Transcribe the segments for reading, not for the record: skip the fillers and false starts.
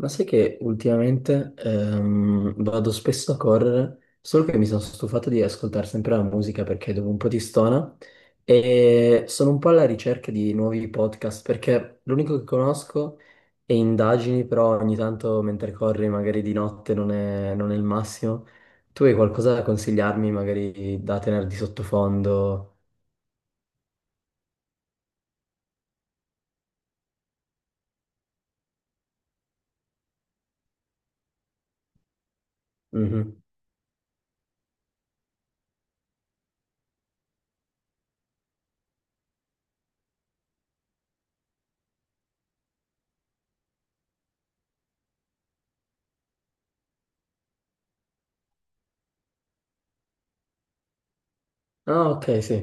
Ma sai che ultimamente vado spesso a correre, solo che mi sono stufato di ascoltare sempre la musica perché dopo un po' ti stona e sono un po' alla ricerca di nuovi podcast perché l'unico che conosco è Indagini, però ogni tanto mentre corri magari di notte non è il massimo. Tu hai qualcosa da consigliarmi magari da tenere di sottofondo? Mhm. Ah, ok, sì.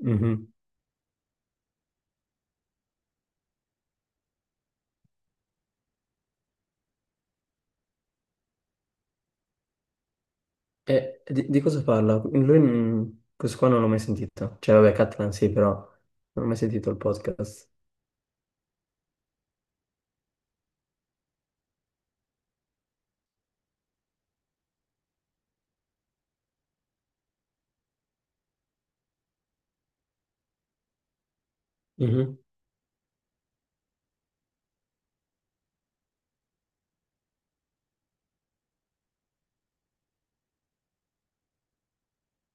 Mhm. E di cosa parla? Lui, questo qua non l'ho mai sentito. Cioè, vabbè, Catalan sì, però non ho mai sentito il podcast. Mhm.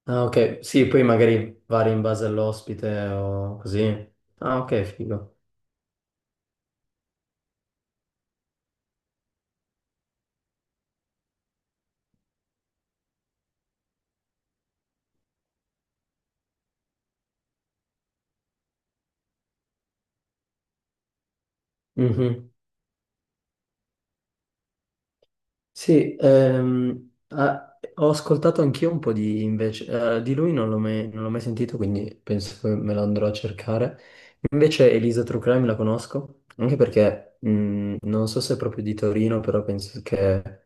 Ah, ok. Sì, poi magari vari in base all'ospite o così. Ah, ok, figo. Mhm. Sì, ah, ho ascoltato anch'io un po' di invece, di lui non l'ho mai sentito, quindi penso che me lo andrò a cercare. Invece Elisa True Crime la conosco, anche perché non so se è proprio di Torino, però penso che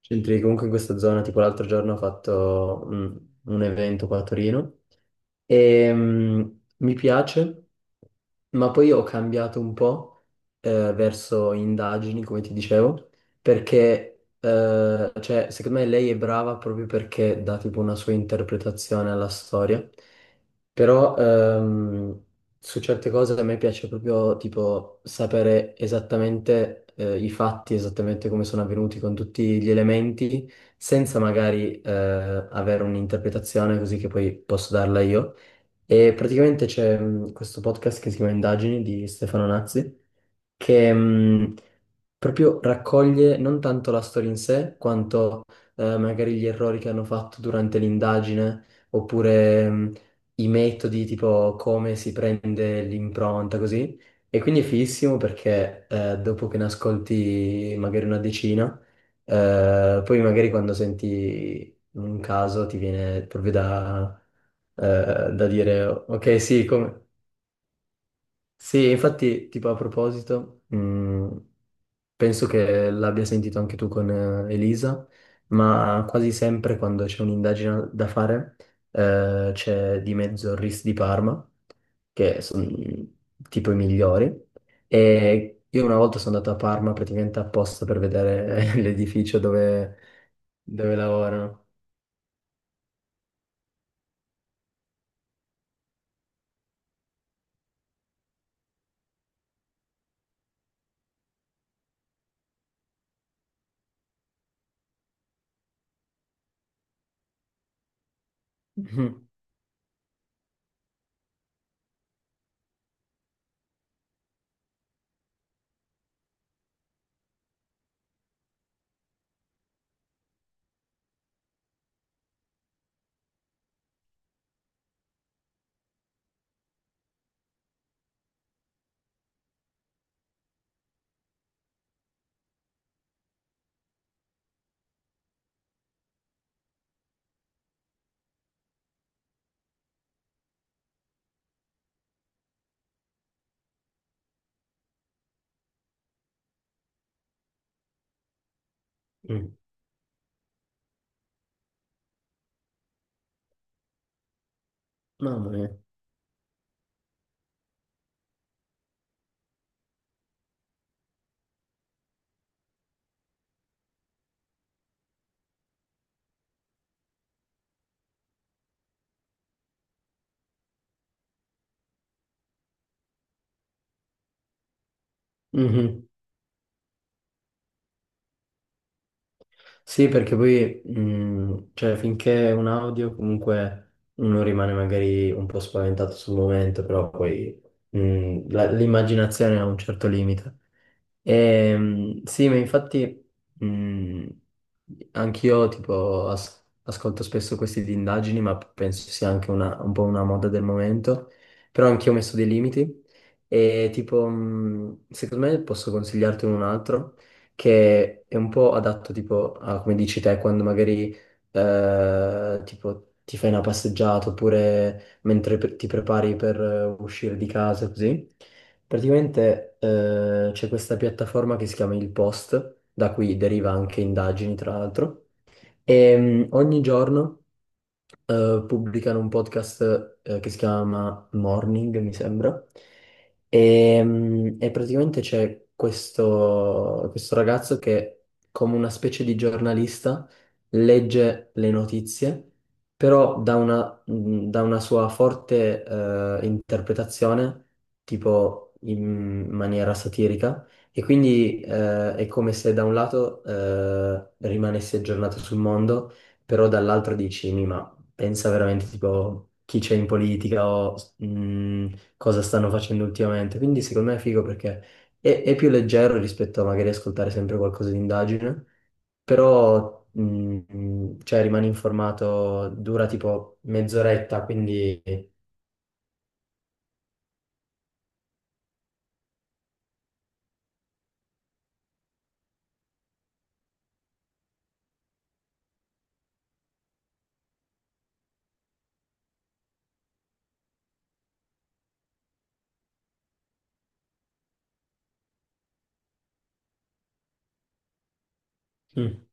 c'entri comunque in questa zona, tipo l'altro giorno ho fatto un evento qua a Torino e mi piace. Ma poi ho cambiato un po' verso indagini, come ti dicevo, perché cioè, secondo me lei è brava proprio perché dà tipo una sua interpretazione alla storia, però su certe cose a me piace proprio tipo sapere esattamente i fatti, esattamente come sono avvenuti con tutti gli elementi, senza magari avere un'interpretazione così che poi posso darla io. E praticamente c'è questo podcast che si chiama Indagini di Stefano Nazzi, che proprio raccoglie non tanto la storia in sé, quanto magari gli errori che hanno fatto durante l'indagine, oppure i metodi, tipo come si prende l'impronta, così. E quindi è fighissimo perché dopo che ne ascolti magari una decina, poi magari quando senti un caso ti viene proprio da, da dire, ok, sì, come... Sì, infatti, tipo a proposito, penso che l'abbia sentito anche tu con Elisa, ma quasi sempre quando c'è un'indagine da fare, c'è di mezzo il RIS di Parma, che sono tipo i migliori. E io una volta sono andato a Parma praticamente apposta per vedere l'edificio dove lavorano. Mhm. Mm. Mamma mia. Mhm. Sì, perché poi, cioè, finché è un audio, comunque uno rimane magari un po' spaventato sul momento, però poi l'immaginazione ha un certo limite. Sì, ma infatti mh, anch'io tipo ascolto spesso questi di indagini, ma penso sia anche un po' una moda del momento, però anch'io ho messo dei limiti e tipo secondo me posso consigliarti un altro che è un po' adatto tipo a come dici te quando magari tipo ti fai una passeggiata oppure mentre ti prepari per uscire di casa così. Praticamente c'è questa piattaforma che si chiama Il Post, da cui deriva anche indagini, tra l'altro. E ogni giorno pubblicano un podcast che si chiama Morning, mi sembra. E praticamente c'è questo ragazzo che, come una specie di giornalista, legge le notizie, però da una sua forte interpretazione, tipo in maniera satirica. E quindi è come se da un lato rimanessi aggiornato sul mondo, però dall'altro dici, Ma pensa veramente tipo chi c'è in politica o cosa stanno facendo ultimamente. Quindi secondo me è figo perché è più leggero rispetto a magari ascoltare sempre qualcosa di indagine, però cioè, rimani informato, dura tipo mezz'oretta, quindi... Mm.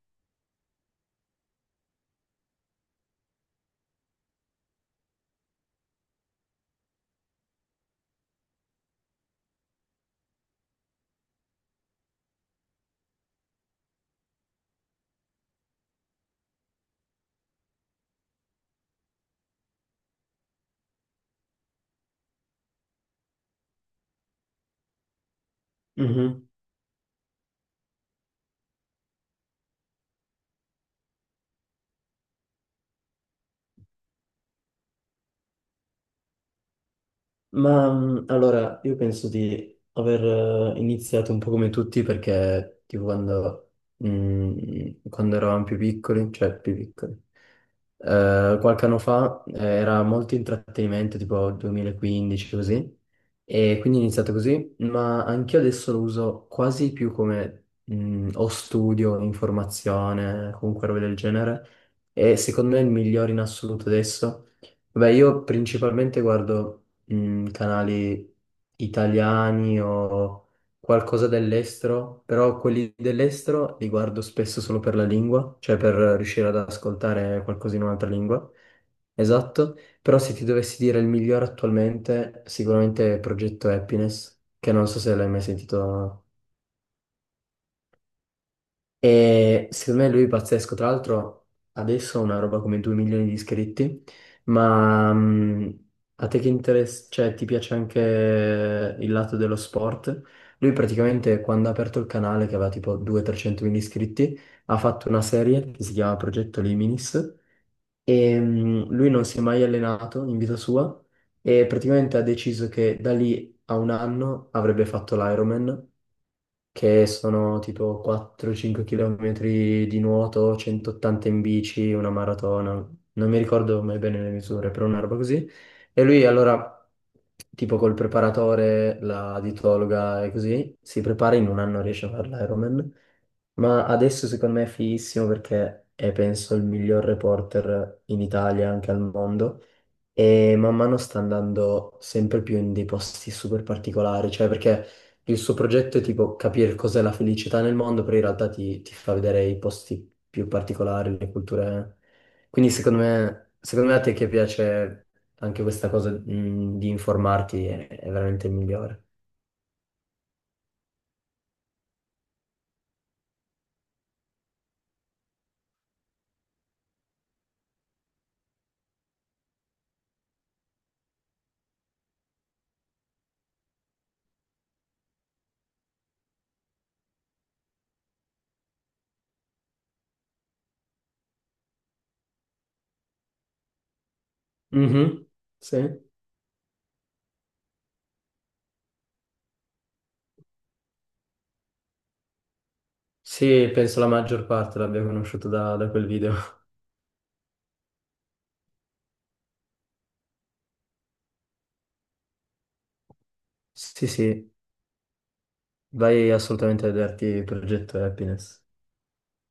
Mhm. Ma allora, io penso di aver iniziato un po' come tutti perché tipo quando eravamo più piccoli, cioè più piccoli, qualche anno fa era molto intrattenimento, tipo 2015 così, e quindi ho iniziato così, ma anch'io adesso lo uso quasi più come o studio, informazione, comunque roba del genere, e secondo me è il migliore in assoluto adesso. Beh, io principalmente guardo canali italiani o qualcosa dell'estero, però quelli dell'estero li guardo spesso solo per la lingua, cioè per riuscire ad ascoltare qualcosa in un'altra lingua. Esatto, però se ti dovessi dire il migliore attualmente, sicuramente è Progetto Happiness, che non so se l'hai mai sentito e secondo me lui è pazzesco. Tra l'altro, adesso ha una roba come 2 milioni di iscritti. Ma a te che interessa, cioè, ti piace anche il lato dello sport? Lui praticamente quando ha aperto il canale, che aveva tipo 200-300 mila iscritti, ha fatto una serie che si chiama Progetto Liminis. E lui non si è mai allenato in vita sua. E praticamente ha deciso che da lì a un anno avrebbe fatto l'Ironman che sono tipo 4-5 km di nuoto, 180 in bici, una maratona, non mi ricordo mai bene le misure, però una roba così. E lui allora, tipo col preparatore, la dietologa e così, si prepara in un anno riesce a fare l'Ironman, ma adesso secondo me è fighissimo perché è penso il miglior reporter in Italia, anche al mondo. E man mano sta andando sempre più in dei posti super particolari, cioè perché il suo progetto è tipo capire cos'è la felicità nel mondo, però in realtà ti fa vedere i posti più particolari, le culture. Quindi secondo me a te che piace anche questa cosa, di informarti è veramente il migliore. Mhm, sì. Sì, penso la maggior parte l'abbia conosciuto da quel video. Sì, sì, vai assolutamente a vederti il progetto Happiness.